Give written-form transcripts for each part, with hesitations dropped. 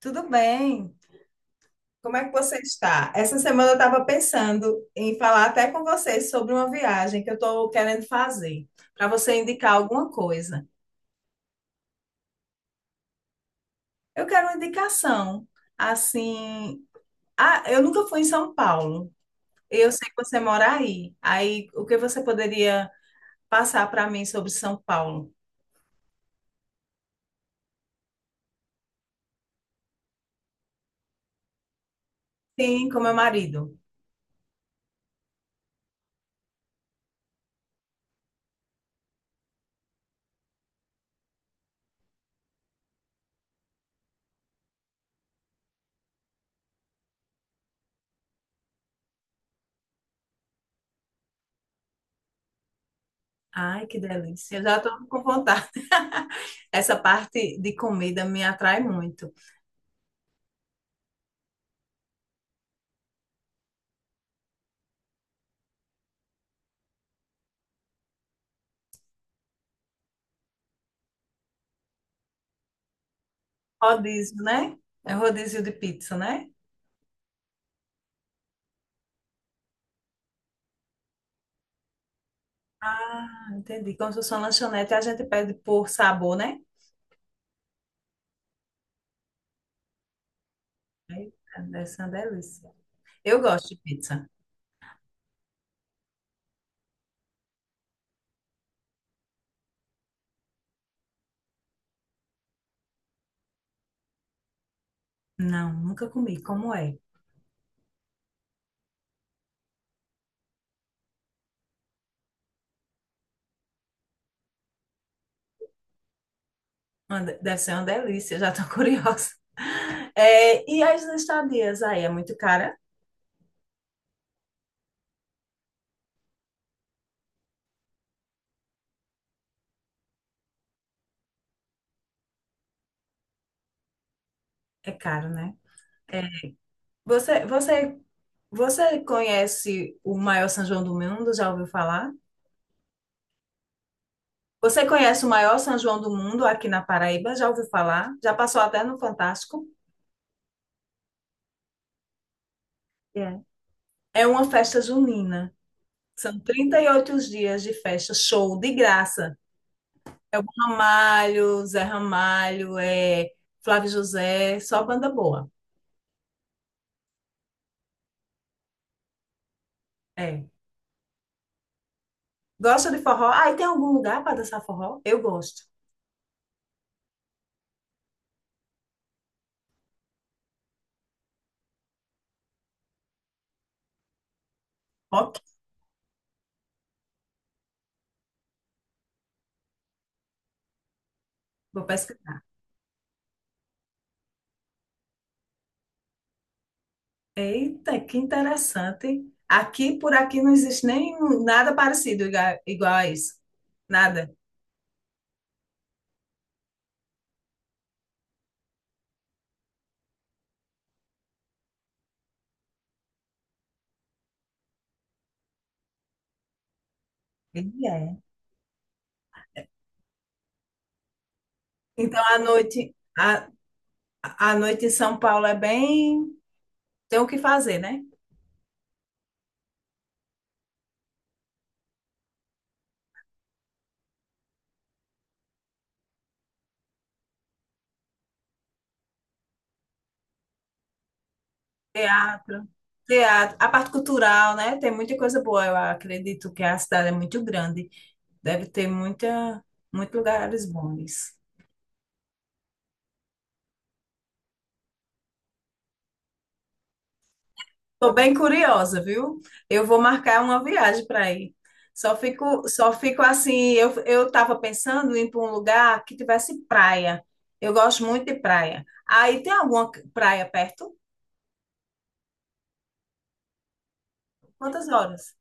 Tudo bem. Como é que você está? Essa semana eu estava pensando em falar até com você sobre uma viagem que eu estou querendo fazer, para você indicar alguma coisa. Eu quero uma indicação. Assim, eu nunca fui em São Paulo. Eu sei que você mora aí. Aí, o que você poderia passar para mim sobre São Paulo? Sim, com meu marido. Ai, que delícia. Eu já estou com vontade. Essa parte de comida me atrai muito. Rodízio, né? É um rodízio de pizza, né? Ah, entendi. Como se fosse uma lanchonete, a gente pede por sabor, né? Eita, deve ser uma delícia. Eu gosto de pizza. Não, nunca comi. Como é? Deve ser uma delícia, já tô curiosa. É, e as estadias aí, é muito cara? É caro, né? Você, você conhece o maior São João do mundo? Já ouviu falar? Você conhece o maior São João do mundo aqui na Paraíba? Já ouviu falar? Já passou até no Fantástico? É. É uma festa junina. São 38 dias de festa, show de graça. Ramalho, Zé Ramalho, Flávio José, só banda boa. É. Gosta de forró? Ah, e tem algum lugar para dançar forró? Eu gosto. Ok, vou pesquisar. Eita, que interessante. Aqui, por aqui, não existe nem nada parecido igual a isso. Nada. E é. Então, a noite em São Paulo é bem... Tem o que fazer, né? Teatro, teatro, a parte cultural, né? Tem muita coisa boa. Eu acredito que a cidade é muito grande. Deve ter muita, muitos lugares bons. Tô bem curiosa, viu? Eu vou marcar uma viagem para ir. Só fico assim, eu tava pensando em ir para um lugar que tivesse praia. Eu gosto muito de praia. Aí tem alguma praia perto? Quantas horas?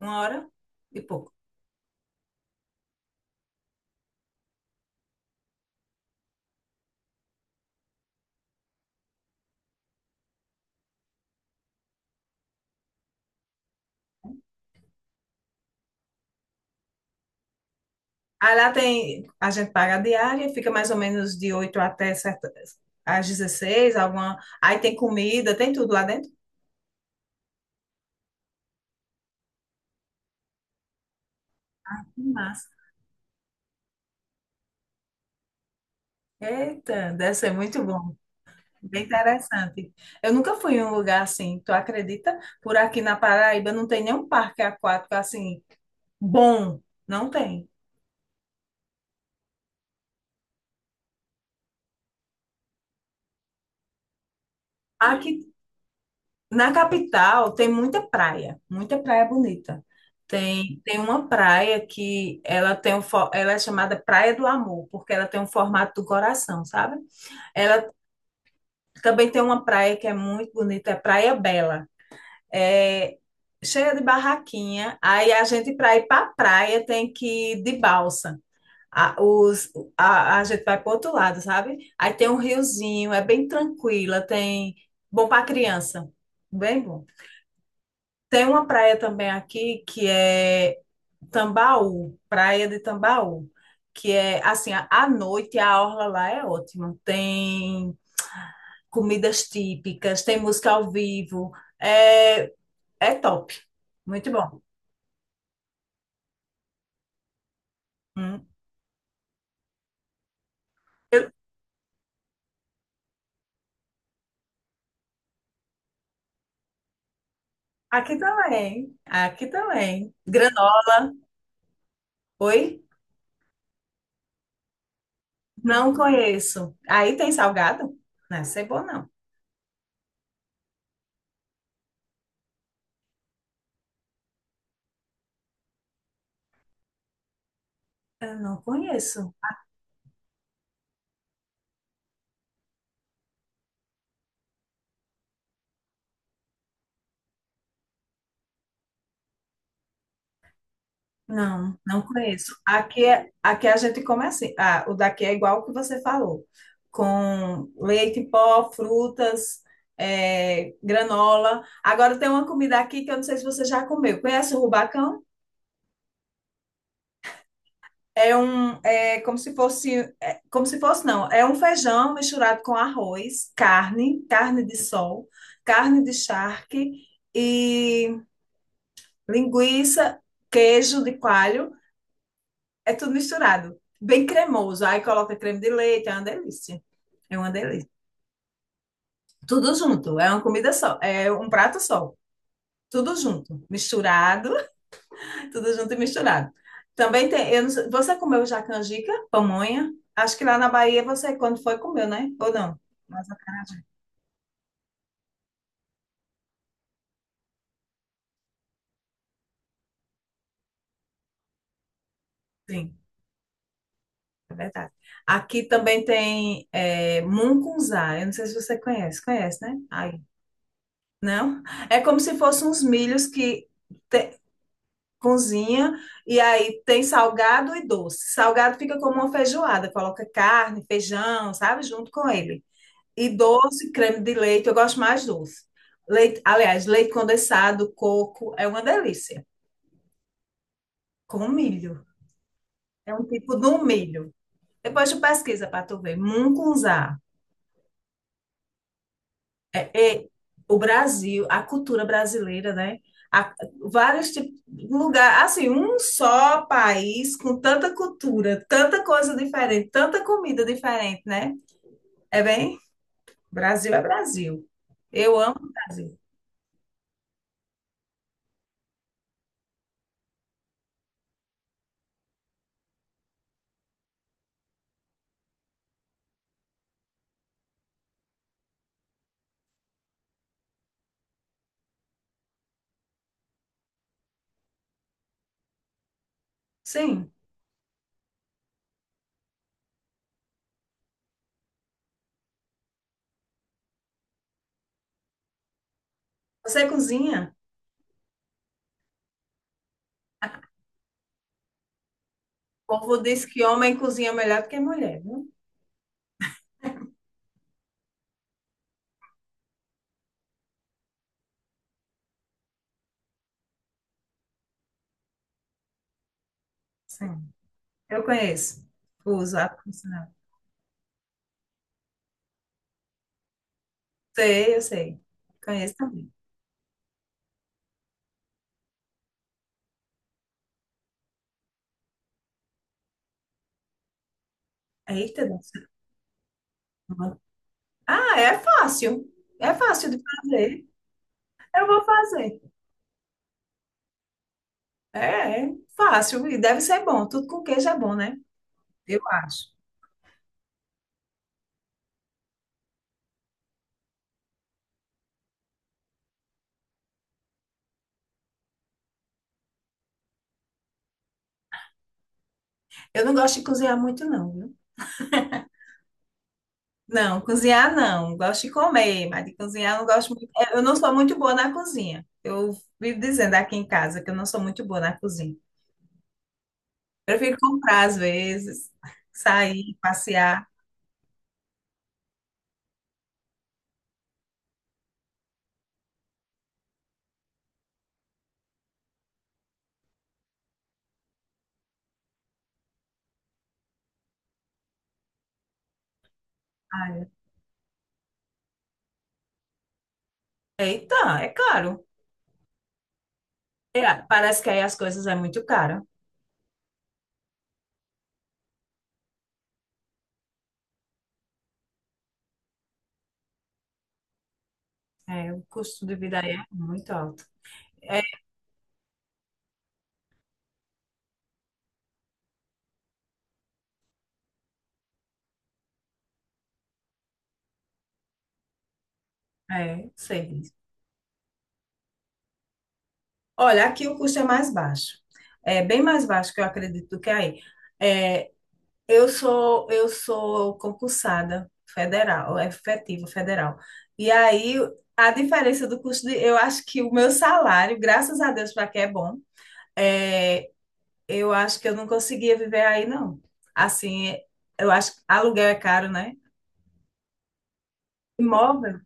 Uma hora e pouco. Aí lá tem, a gente paga a diária, fica mais ou menos de 8 até certa, às 16. Alguma. Aí tem comida, tem tudo lá dentro. Massa. Eita, deve ser muito bom. Bem interessante. Eu nunca fui em um lugar assim, tu acredita? Por aqui na Paraíba não tem nenhum parque aquático assim bom, não tem. Aqui na capital tem muita praia bonita. Tem, tem uma praia que ela tem um, ela é chamada Praia do Amor, porque ela tem um formato do coração, sabe? Ela também tem uma praia que é muito bonita, é Praia Bela. É cheia de barraquinha. Aí a gente para ir para a praia tem que ir de balsa. A, os, a gente vai para outro lado, sabe? Aí tem um riozinho, é bem tranquila, tem bom para criança, bem bom. Tem uma praia também aqui que é Tambaú, Praia de Tambaú, que é assim, à noite a orla lá é ótima. Tem comidas típicas, tem música ao vivo, é, é top, muito bom. Hum. Eu- aqui também, aqui também. Granó, oi? Não conheço. Aí tem salgado? Não é cebola, não. Eu não conheço. Não, não conheço. Aqui, aqui a gente come assim. Ah, o daqui é igual o que você falou. Com leite em pó, frutas, granola. Agora tem uma comida aqui que eu não sei se você já comeu. Conhece o rubacão? É um, é como se fosse, não, é um feijão misturado com arroz, carne, carne de sol, carne de charque e linguiça, queijo de coalho, é tudo misturado. Bem cremoso. Aí coloca creme de leite, é uma delícia. É uma delícia. Tudo junto, é uma comida só, é um prato só. Tudo junto, misturado, tudo junto e misturado. Também tem, eu não sei- você comeu já canjica, pamonha? Acho que lá na Bahia você, quando foi, comeu, né? Ou não? Mas sim, é verdade. Aqui também tem mungunzá, eu não sei se você conhece, conhece, né? Aí. Não? É como se fossem uns milhos que te- cozinha e aí tem salgado e doce. Salgado fica como uma feijoada, coloca carne, feijão, sabe, junto com ele. E doce, creme de leite, eu gosto mais doce. Leite, aliás, leite condensado, coco, é uma delícia. Com milho. É um tipo de um milho. Depois tu pesquisa para tu ver. Mungunzá. é, o Brasil, a cultura brasileira, né? A- vários tipos, lugar, assim, um só país com tanta cultura, tanta coisa diferente, tanta comida diferente, né? É bem, Brasil é Brasil. Eu amo o Brasil. Sim. Você cozinha? O povo diz que homem cozinha melhor do que mulher, viu? Sim. Eu conheço. Uso a profissional. Sei, eu sei. Conheço também. Eita, nossa. Ah, é fácil. É fácil de fazer. Eu vou fazer. É, é fácil e deve ser bom. Tudo com queijo é bom, né? Eu acho. Eu não gosto de cozinhar muito, não, viu? Não, cozinhar não. Gosto de comer, mas de cozinhar eu não gosto muito. É, eu não sou muito boa na cozinha. Eu vivo dizendo aqui em casa que eu não sou muito boa na cozinha. Prefiro comprar às vezes, sair, passear. Ai, é, então, é caro. É, parece que aí as coisas é muito caro. É, o custo de vida aí é muito alto. É, sei. Olha, aqui o custo é mais baixo. É bem mais baixo que eu acredito do que é aí. É, eu sou concursada federal, é efetiva federal. E aí a diferença do custo de, eu acho que o meu salário, graças a Deus para que é bom, é, eu acho que eu não conseguia viver aí não. Assim, eu acho que aluguel é caro, né? Imóvel?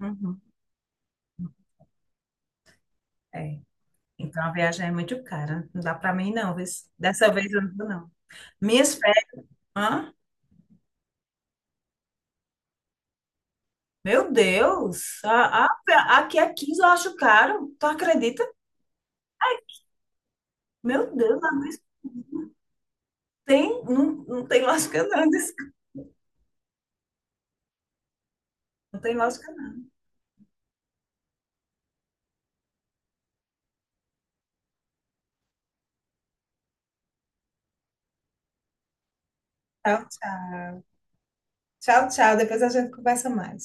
Uhum, é. Então a viagem é muito cara. Não dá para mim não. Viu? Dessa vez eu não vou não. Minhas férias. Hã? Meu Deus, aqui é 15 eu acho caro. Tu acredita? Meu Deus, mas tem, não tem lógica não, desculpa. Não tem lógica não. Tchau, tchau. Tchau, tchau. Depois a gente conversa mais.